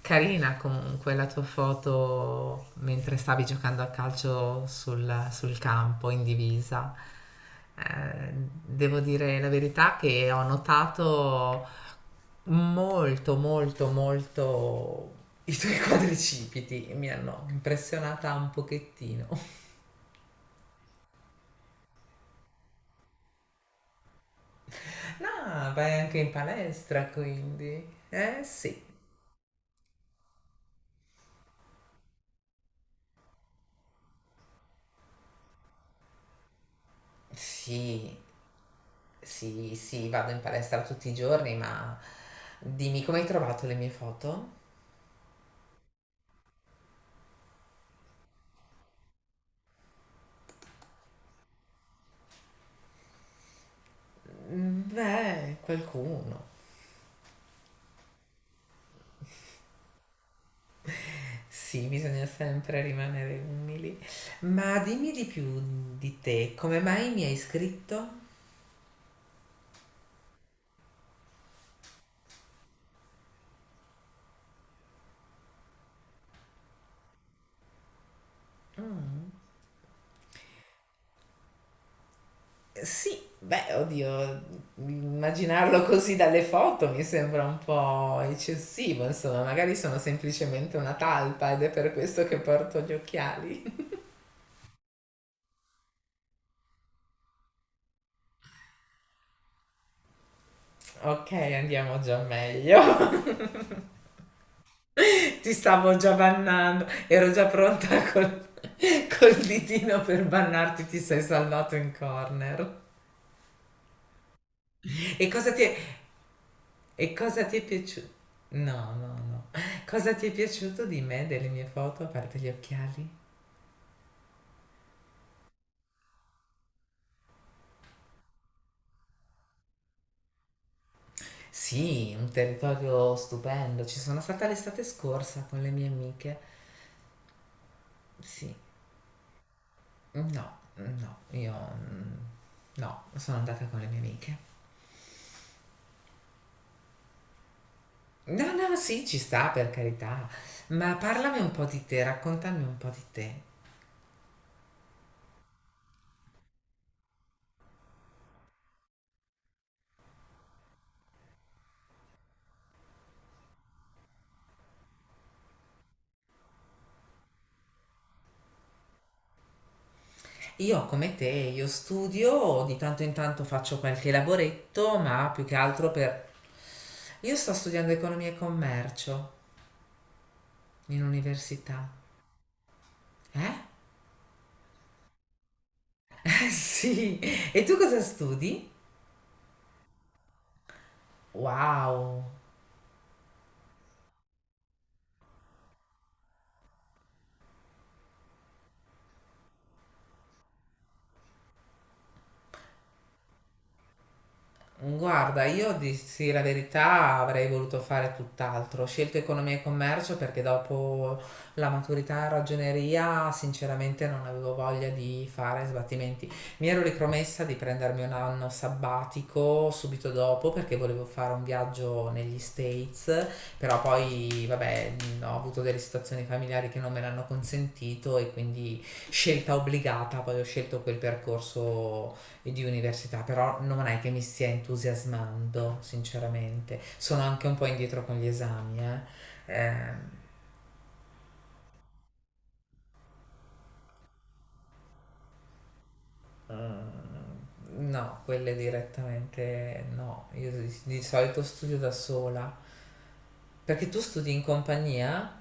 Carina comunque la tua foto mentre stavi giocando a calcio sul campo in divisa. Eh, devo dire la verità che ho notato molto, molto, molto i tuoi quadricipiti. Mi hanno impressionata un pochettino. Ah, vai anche in palestra quindi. Eh sì. Sì. Sì, sì, vado in palestra tutti i giorni, ma dimmi come hai trovato le mie foto? Mm, beh, qualcuno. Sì, bisogna sempre rimanere umili. Ma dimmi di più di te, come mai mi hai scritto? Mm. Sì, beh, oddio, immaginarlo così dalle foto mi sembra un po' eccessivo, insomma, magari sono semplicemente una talpa ed è per questo che porto gli occhiali. Ok, andiamo già meglio. Ti stavo già bannando, ero già pronta col ditino per bannarti, ti sei salvato in corner. E cosa ti è, e cosa ti è piaciuto? No, no, no. Cosa ti è piaciuto di me, delle mie foto, a parte gli occhiali? Sì, un territorio stupendo. Ci sono stata l'estate scorsa con le mie amiche. Sì, no, no, no, sono andata con le mie amiche. No, no, sì, ci sta per carità, ma parlami un po' di te, raccontami un po' di te. Io come te, io studio, di tanto in tanto faccio qualche lavoretto, ma più che altro per... Io sto studiando economia e commercio in università. Eh? Sì. E tu cosa studi? Wow. Guarda, io dissi la verità, avrei voluto fare tutt'altro. Ho scelto economia e commercio perché dopo la maturità in ragioneria, sinceramente, non avevo voglia di fare sbattimenti. Mi ero ripromessa di prendermi un anno sabbatico subito dopo perché volevo fare un viaggio negli States, però poi, vabbè, ho avuto delle situazioni familiari che non me l'hanno consentito e quindi scelta obbligata, poi ho scelto quel percorso e di università, però non è che mi stia entusiasmando, sinceramente. Sono anche un po' indietro con gli esami, eh. Ehm, mm, no, quelle direttamente no. Io di solito studio da sola, perché tu studi in compagnia?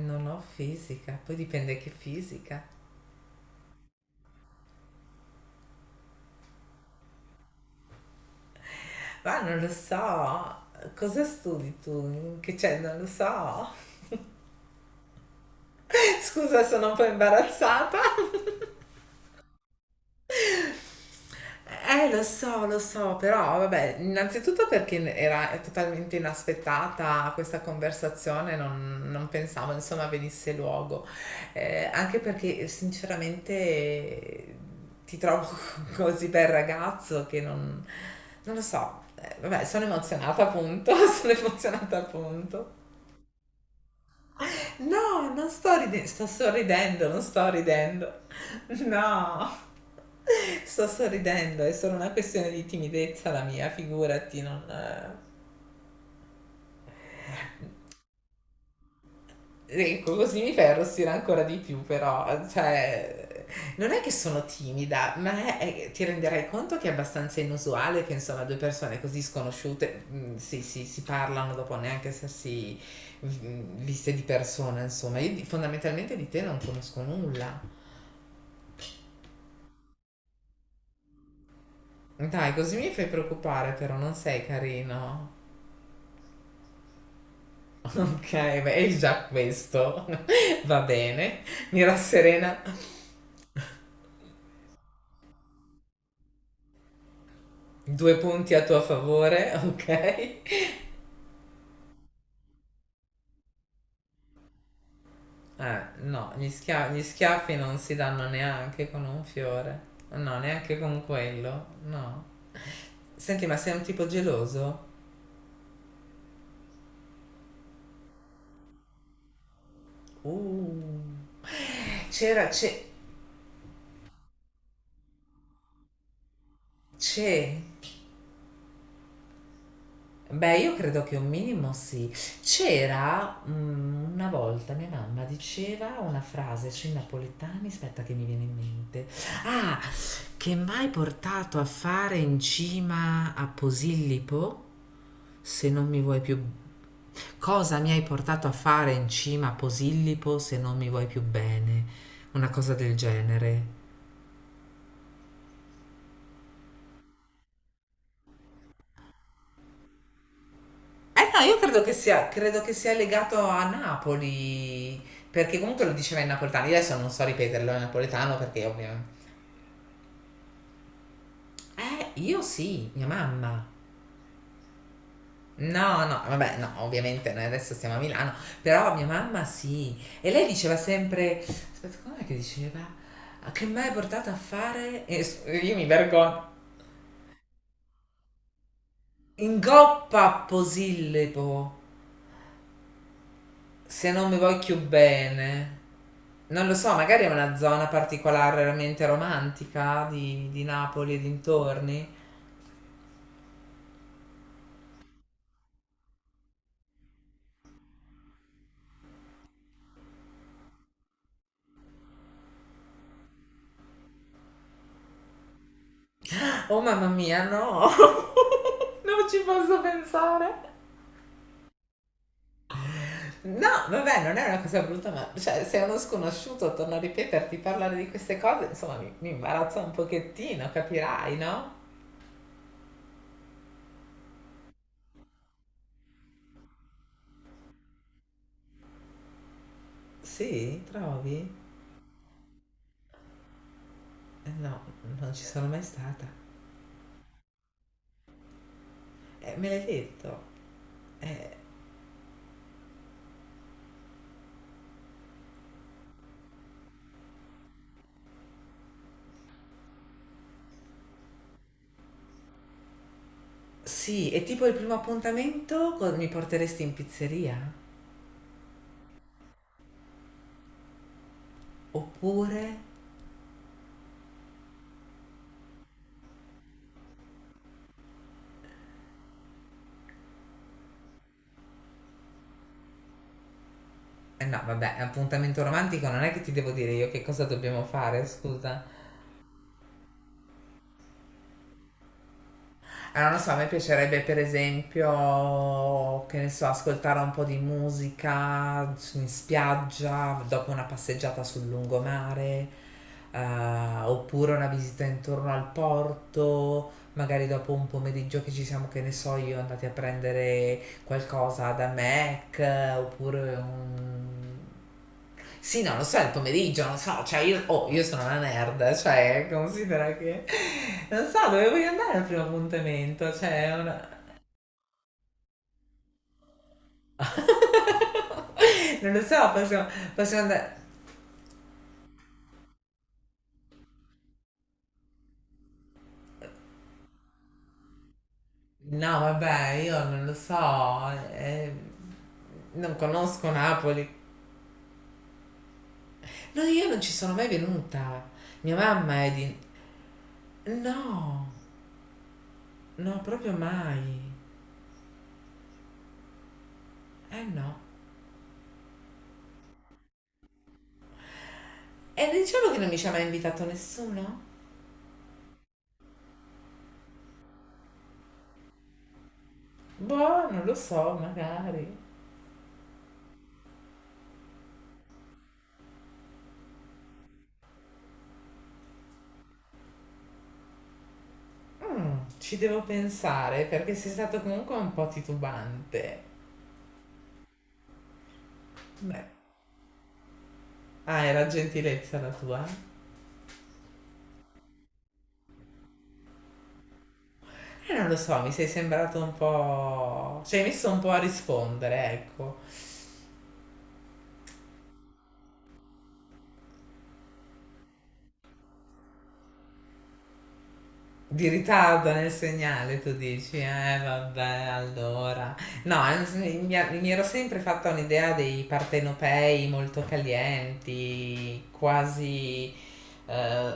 Non ho fisica, poi dipende che fisica. Ma non lo so, cosa studi tu? Che c'è? Non lo so. Scusa, sono un po' imbarazzata. Lo so, però vabbè, innanzitutto perché era totalmente inaspettata questa conversazione, non pensavo insomma venisse luogo. Anche perché sinceramente ti trovo così bel ragazzo che non lo so. Vabbè, sono emozionata appunto, sono emozionata appunto. No, non sto ridendo, sto sorridendo, non sto ridendo. No, sto sorridendo, è solo una questione di timidezza la mia, figurati, non... Ecco, così mi fai arrossire ancora di più, però, cioè, non è che sono timida, ma ti renderai conto che è abbastanza inusuale che, insomma, due persone così sconosciute si, si parlano dopo neanche essersi viste di persona, insomma. Fondamentalmente di te non conosco nulla. Dai, così mi fai preoccupare, però non sei carino. Ok, beh, è già questo. Va bene. Mi rasserena. Due punti a tuo favore, ok? No, gli schiaffi non si danno neanche con un fiore. No, neanche con quello. No. Senti, ma sei un tipo geloso? Uh. C'era, c'è, c'è beh, io credo che un minimo sì. Una volta mia mamma diceva una frase sui napoletani, aspetta che mi viene in mente. Ah, che m'hai portato a fare in cima a Posillipo, se non mi vuoi più... Cosa mi hai portato a fare in cima a Posillipo se non mi vuoi più bene? Una cosa del genere. Eh no, io credo che sia legato a Napoli, perché comunque lo diceva in napoletano, io adesso non so ripeterlo in napoletano perché ovviamente... io sì, mia mamma. No, no, vabbè, no, ovviamente noi adesso stiamo a Milano, però mia mamma sì. E lei diceva sempre, aspetta, com'è che diceva? "A che mi hai portato a fare? Io mi vergogno. In goppa posillipo. Se non mi voglio bene, non lo so, magari è una zona particolarmente romantica di Napoli e dintorni. Oh mamma mia, no! Non ci posso pensare. No, vabbè, non è una cosa brutta, ma cioè, se uno sconosciuto torna a ripeterti parlare di queste cose, insomma, mi imbarazza un pochettino, capirai, no? Sì, trovi? No, non ci sono mai stata. Me l'hai detto. Sì, è tipo il primo appuntamento mi porteresti in pizzeria? Oppure... Eh no, vabbè, appuntamento romantico non è che ti devo dire io che cosa dobbiamo fare, scusa. Allora, non so, a me piacerebbe per esempio, che ne so, ascoltare un po' di musica in spiaggia, dopo una passeggiata sul lungomare, eh, oppure una visita intorno al porto, magari dopo un pomeriggio che ci siamo, che ne so, io andati a prendere qualcosa da Mac oppure un... Sì, no, lo so, è il pomeriggio, non so, cioè io, oh, io sono una nerd, cioè considera che... Non so dove voglio andare al primo appuntamento, cioè... Una... Non lo so, possiamo andare... No, vabbè, io non lo so, eh, non conosco Napoli. No, io non ci sono mai venuta. Mia mamma è di... No, no, proprio mai. Eh no. E diciamo che non mi ci ha mai invitato nessuno? Boh, non lo so, magari. Mm, ci devo pensare perché sei stato comunque un po' titubante. Beh, ah, era gentilezza la tua? Non lo so, mi sei sembrato un po'... Ci hai messo un po' a rispondere, ecco. Di ritardo nel segnale, tu dici, eh vabbè, allora. No, mi ero sempre fatta un'idea dei partenopei molto calienti, quasi eh,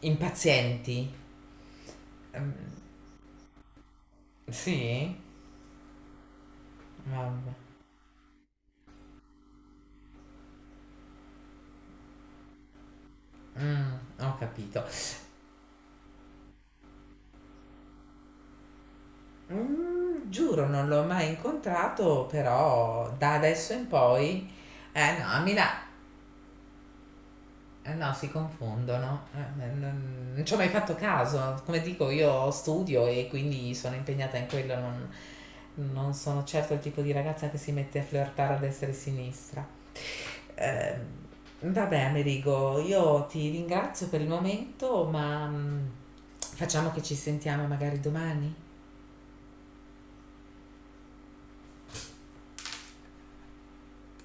impazienti. Mm, sì? Vabbè. Mm, ho capito. Mm, giuro, non l'ho mai incontrato, però da adesso in poi... Eh no, a Milano, eh no, si confondono. Non ci ho mai fatto caso. Come dico, io studio e quindi sono impegnata in quello. Non sono certo il tipo di ragazza che si mette a flirtare a destra e a sinistra. Ehm, vabbè, Amerigo, io ti ringrazio per il momento, ma facciamo che ci sentiamo magari domani.